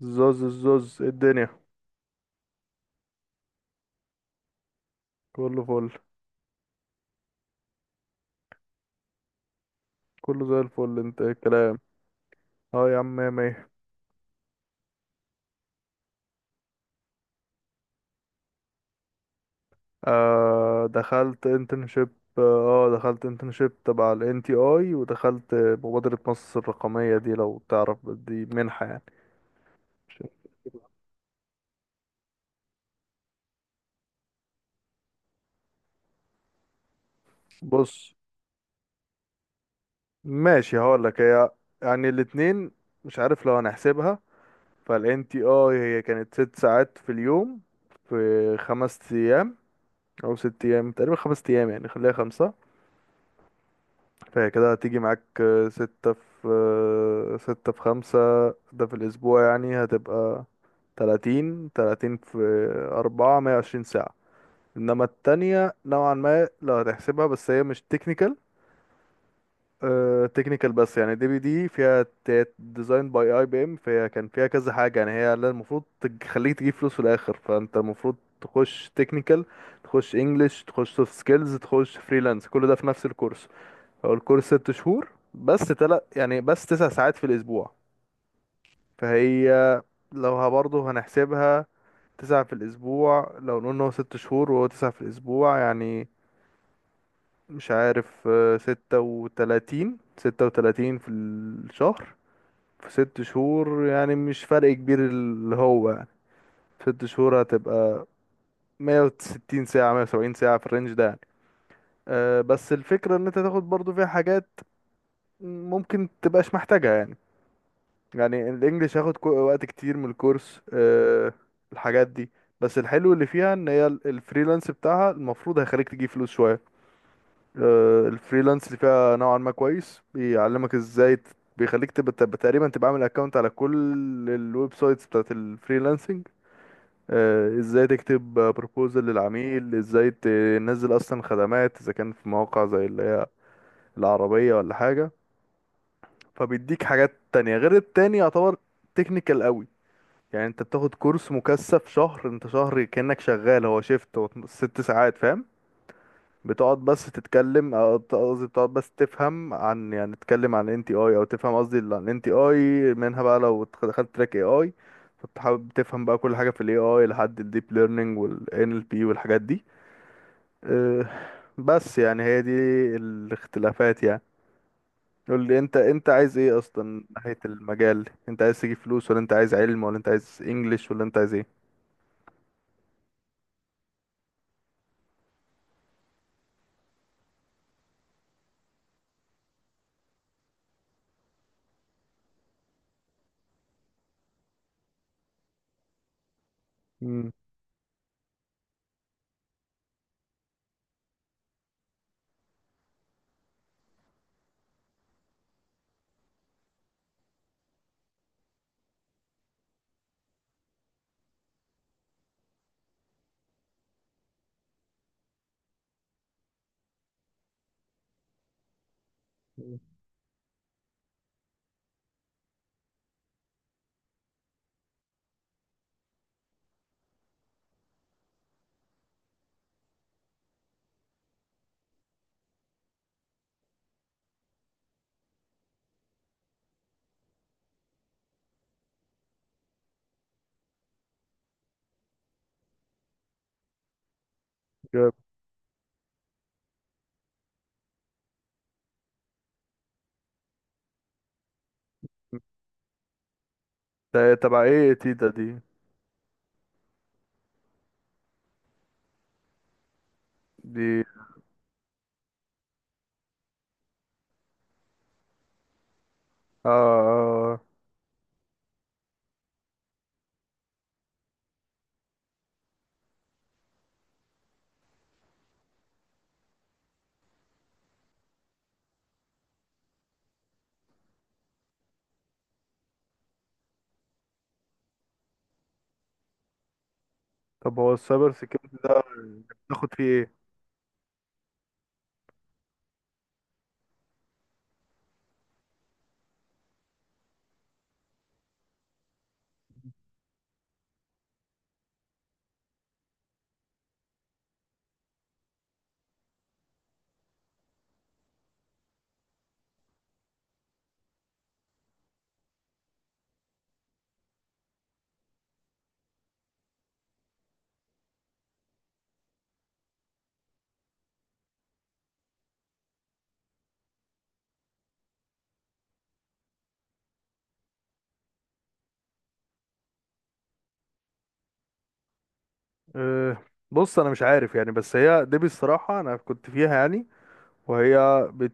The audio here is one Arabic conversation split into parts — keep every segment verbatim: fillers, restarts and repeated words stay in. زوز، الزوز، إيه الدنيا؟ كله فل. كله زي الفل. انت ايه الكلام؟ اه يا عم، مية مية. آه، دخلت انترنشيب. اه آه، دخلت انترنشيب تبع ال إن تي آي، ودخلت مبادرة مصر الرقمية دي. لو تعرف، دي منحة يعني. بص، ماشي، هقولك. هي يعني الاتنين، مش عارف لو هنحسبها. فال إن تي آي هي كانت ست ساعات في اليوم، في خمس أيام أو ست أيام، تقريبا خمس أيام، يعني خليها خمسة. فهي كده هتيجي معاك آه، ستة في آه، ستة في خمسة. ده في الأسبوع، يعني هتبقى تلاتين تلاتين في أربعة، مية وعشرين ساعة. إنما التانية نوعا ما لو هتحسبها، بس هي مش تكنيكال. تكنيكال بس، يعني دي بي دي فيها ديزاين باي اي بي ام، فهي كان فيها كذا حاجة، يعني هي اللي المفروض تخليك تجيب فلوس في الآخر. فأنت المفروض تخش تكنيكال، تخش انجلش، تخش سوفت سكيلز، تخش فريلانس، كل ده في نفس الكورس. هو الكورس ست شهور، بس تلات يعني بس تسع ساعات في الأسبوع. فهي لو ه- برضه هنحسبها تسعة في الأسبوع، لو نقول إن هو ست شهور وهو تسعة في الأسبوع، يعني مش عارف، آه، ستة وتلاتين. ستة وتلاتين في الشهر، في ست شهور، يعني مش فرق كبير اللي هو، يعني في ست شهور هتبقى مية وستين ساعة، مية وسبعين ساعة، في الرينج ده يعني. أه، بس الفكرة إن أنت تاخد برضه فيها حاجات ممكن تبقاش محتاجها يعني. يعني الانجليش هاخد كو- وقت كتير من الكورس. أه، الحاجات دي، بس الحلو اللي فيها ان هي ال- الفريلانس بتاعها المفروض هيخليك تجيب فلوس شوية. أه، الفريلانس اللي فيها نوعا ما كويس، بيعلمك ازاي ت- بيخليك تبقى تبقى تقريبا تبقى عامل اكونت على كل الويب سايتس بتاعت الفريلانسنج. أه، ازاي تكتب بروبوزل للعميل، ازاي تنزل اصلا خدمات، اذا كان في مواقع زي اللي هي العربية ولا حاجة. فبيديك حاجات تانية، غير التاني يعتبر تكنيكال قوي. يعني انت بتاخد كورس مكثف شهر، انت شهر كأنك شغال. هو شيفت، هو ست ساعات، فاهم. بتقعد بس تتكلم او ت- قصدي بتقعد بس تفهم عن، يعني تتكلم عن انتي اي، او تفهم قصدي ال- عن انتي اي منها بقى. لو اتخ- دخلت تراك اي اي، فانت حابب تفهم بقى كل حاجة في الاي اي، لحد الديب ليرنينج والان ال بي والحاجات دي. اه، بس يعني هي دي الاختلافات يعني. قول لي انت، انت عايز ايه اصلا من ناحية المجال؟ انت عايز تجيب فلوس، ولا انت عايز علم، ولا انت عايز انجليش، ولا انت عايز ايه؟ مم. جامد. ده تبع ايه تيتا دي؟ دي. اه. آه. آه. طب هو السايبر سيكيورتي ده بتاخد فيه ايه؟ أه. بص، انا مش عارف يعني، بس هي دي بصراحة انا كنت فيها يعني. وهي بت...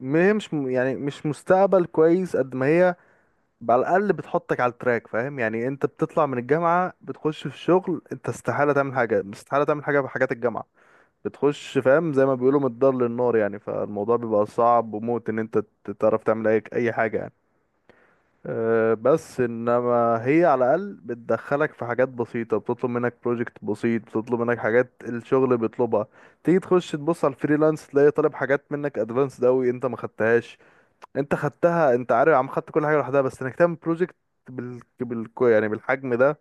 ما هي مش م- يعني مش مستقبل كويس قد ما هي، على الاقل بتحطك على التراك، فاهم. يعني انت بتطلع من الجامعة بتخش في شغل، انت استحالة تعمل حاجة، استحالة تعمل حاجة بحاجات الجامعة. بتخش فاهم زي ما بيقولوا من الدار للنار يعني. فالموضوع بيبقى صعب وموت ان انت ت- تعرف تعمل اي أي حاجة يعني. أه، بس انما هي على الاقل بتدخلك في حاجات بسيطه، بتطلب منك بروجكت بسيط، بتطلب منك حاجات الشغل بيطلبها. تيجي تخش تبص على الفريلانس، تلاقي طالب حاجات منك ادفانسد قوي انت ما خدتهاش. انت خدتها، انت عارف، عم خدت كل حاجه لوحدها، بس انك تعمل بروجكت بال... بال... يعني بالحجم ده،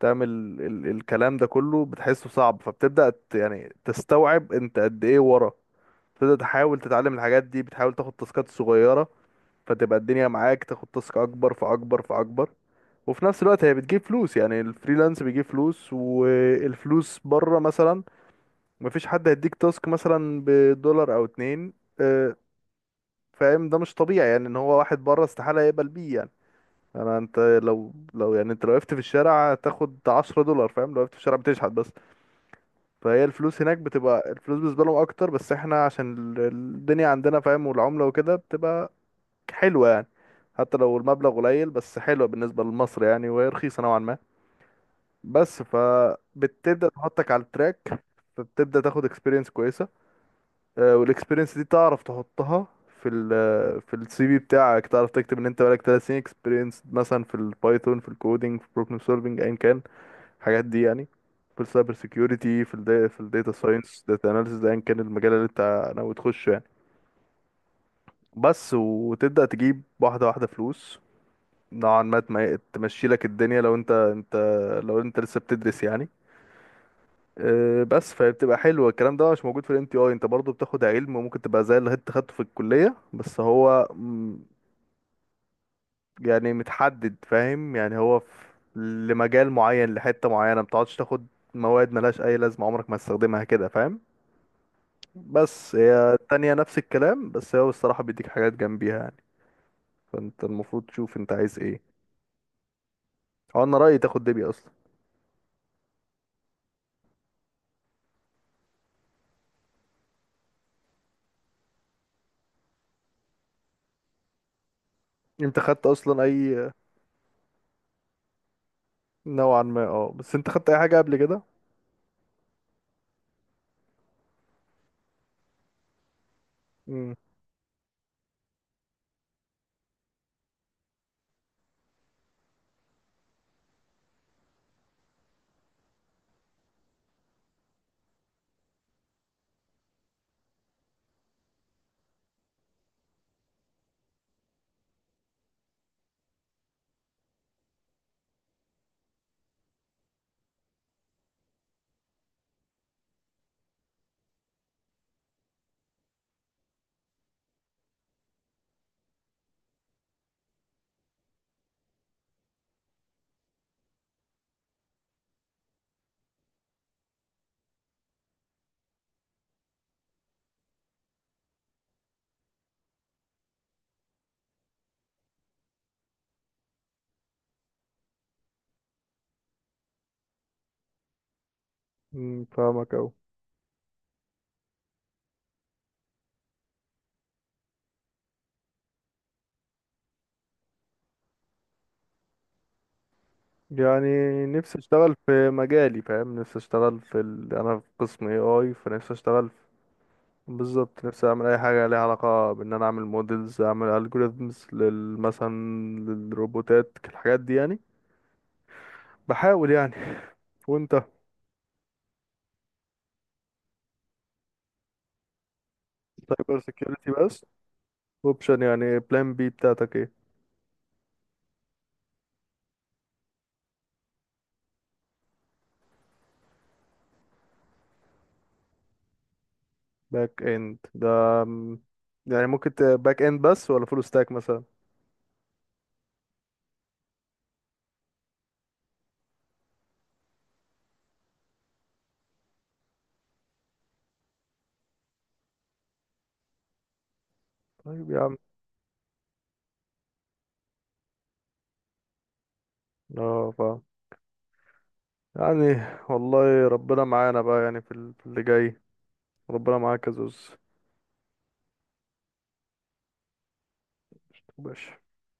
تعمل ال... الكلام ده كله بتحسه صعب. فبتبدا ت... يعني تستوعب انت قد ايه ورا. تبدا تحاول تتعلم الحاجات دي، بتحاول تاخد تاسكات صغيره، فتبقى الدنيا معاك، تاخد تاسك اكبر فاكبر فاكبر. وفي نفس الوقت هي بتجيب فلوس، يعني الفريلانس بيجيب فلوس. والفلوس بره مثلا مفيش حد هيديك تاسك مثلا بدولار او اتنين، آه، فاهم. ده مش طبيعي يعني ان هو واحد بره استحالة يقبل بيه يعني. انا، انت لو لو يعني انت لو وقفت في الشارع تاخد عشرة دولار، فاهم، لو وقفت في الشارع بتشحت بس. فهي الفلوس هناك بتبقى، الفلوس بالنسبة لهم اكتر، بس احنا عشان ال- الدنيا عندنا فاهم، والعملة وكده بتبقى حلوة يعني. حتى لو المبلغ قليل، بس حلوة بالنسبة لمصر يعني، وهي رخيصة نوعا ما بس. فبتبدأ تحطك على التراك، فبتبدأ تاخد اكسبيرينس كويسة. آه، والاكسبيرينس دي تعرف تحطها في ال في السي في بتاعك، تعرف تكتب ان انت بقالك 3 سنين اكسبيرينس مثلا في البايثون، في الكودينج، في البروبلم سولفينج، ايا كان الحاجات دي يعني. في السايبر سيكيورتي، في ال في الداتا ساينس، داتا اناليسيز، ايا كان المجال اللي انت ناوي تخشه يعني. بس وتبدأ تجيب واحدة واحدة فلوس، نوعا ما تم- تمشي لك الدنيا لو انت انت لو انت لسه بتدرس يعني. آه، بس فبتبقى حلوة. الكلام ده مش موجود في الام تي اي. انت برضو بتاخد علم، وممكن تبقى زي اللي انت خدته في الكلية، بس هو م، يعني متحدد فاهم. يعني هو في لمجال معين، لحتة معينة، ما بتقعدش تاخد مواد ملهاش اي لازمة عمرك ما هتستخدمها، كده فاهم. بس هي التانية نفس الكلام، بس هو الصراحة بيديك حاجات جنبيها يعني. فانت المفروض تشوف انت عايز ايه. هو انا رأيي تاخد دبي اصلا. انت خدت اصلا اي؟ نوعا ما اه، بس انت خدت اي حاجة قبل كده؟ امم، فاهمك. يعني نفسي اشتغل في مجالي، فاهم. نفسي اشتغل في ال... انا في قسم اي اي، فنفسي اشتغل في... بالظبط، نفسي اعمل اي حاجه ليها علاقه بان انا اعمل مودلز، اعمل الجوريزمز لل مثلا للروبوتات، الحاجات دي يعني. بحاول يعني. وانت؟ سايبر سيكيورتي بس اوبشن، يعني بلان بي بتاعتك ايه؟ باك اند ده م- يعني ممكن باك اند بس، ولا فول ستاك مثلا؟ طيب يا عم. اه فاهم. يعني والله ربنا معانا بقى يعني، في ال- في اللي جاي. ربنا معاك يا زوز. مبقاش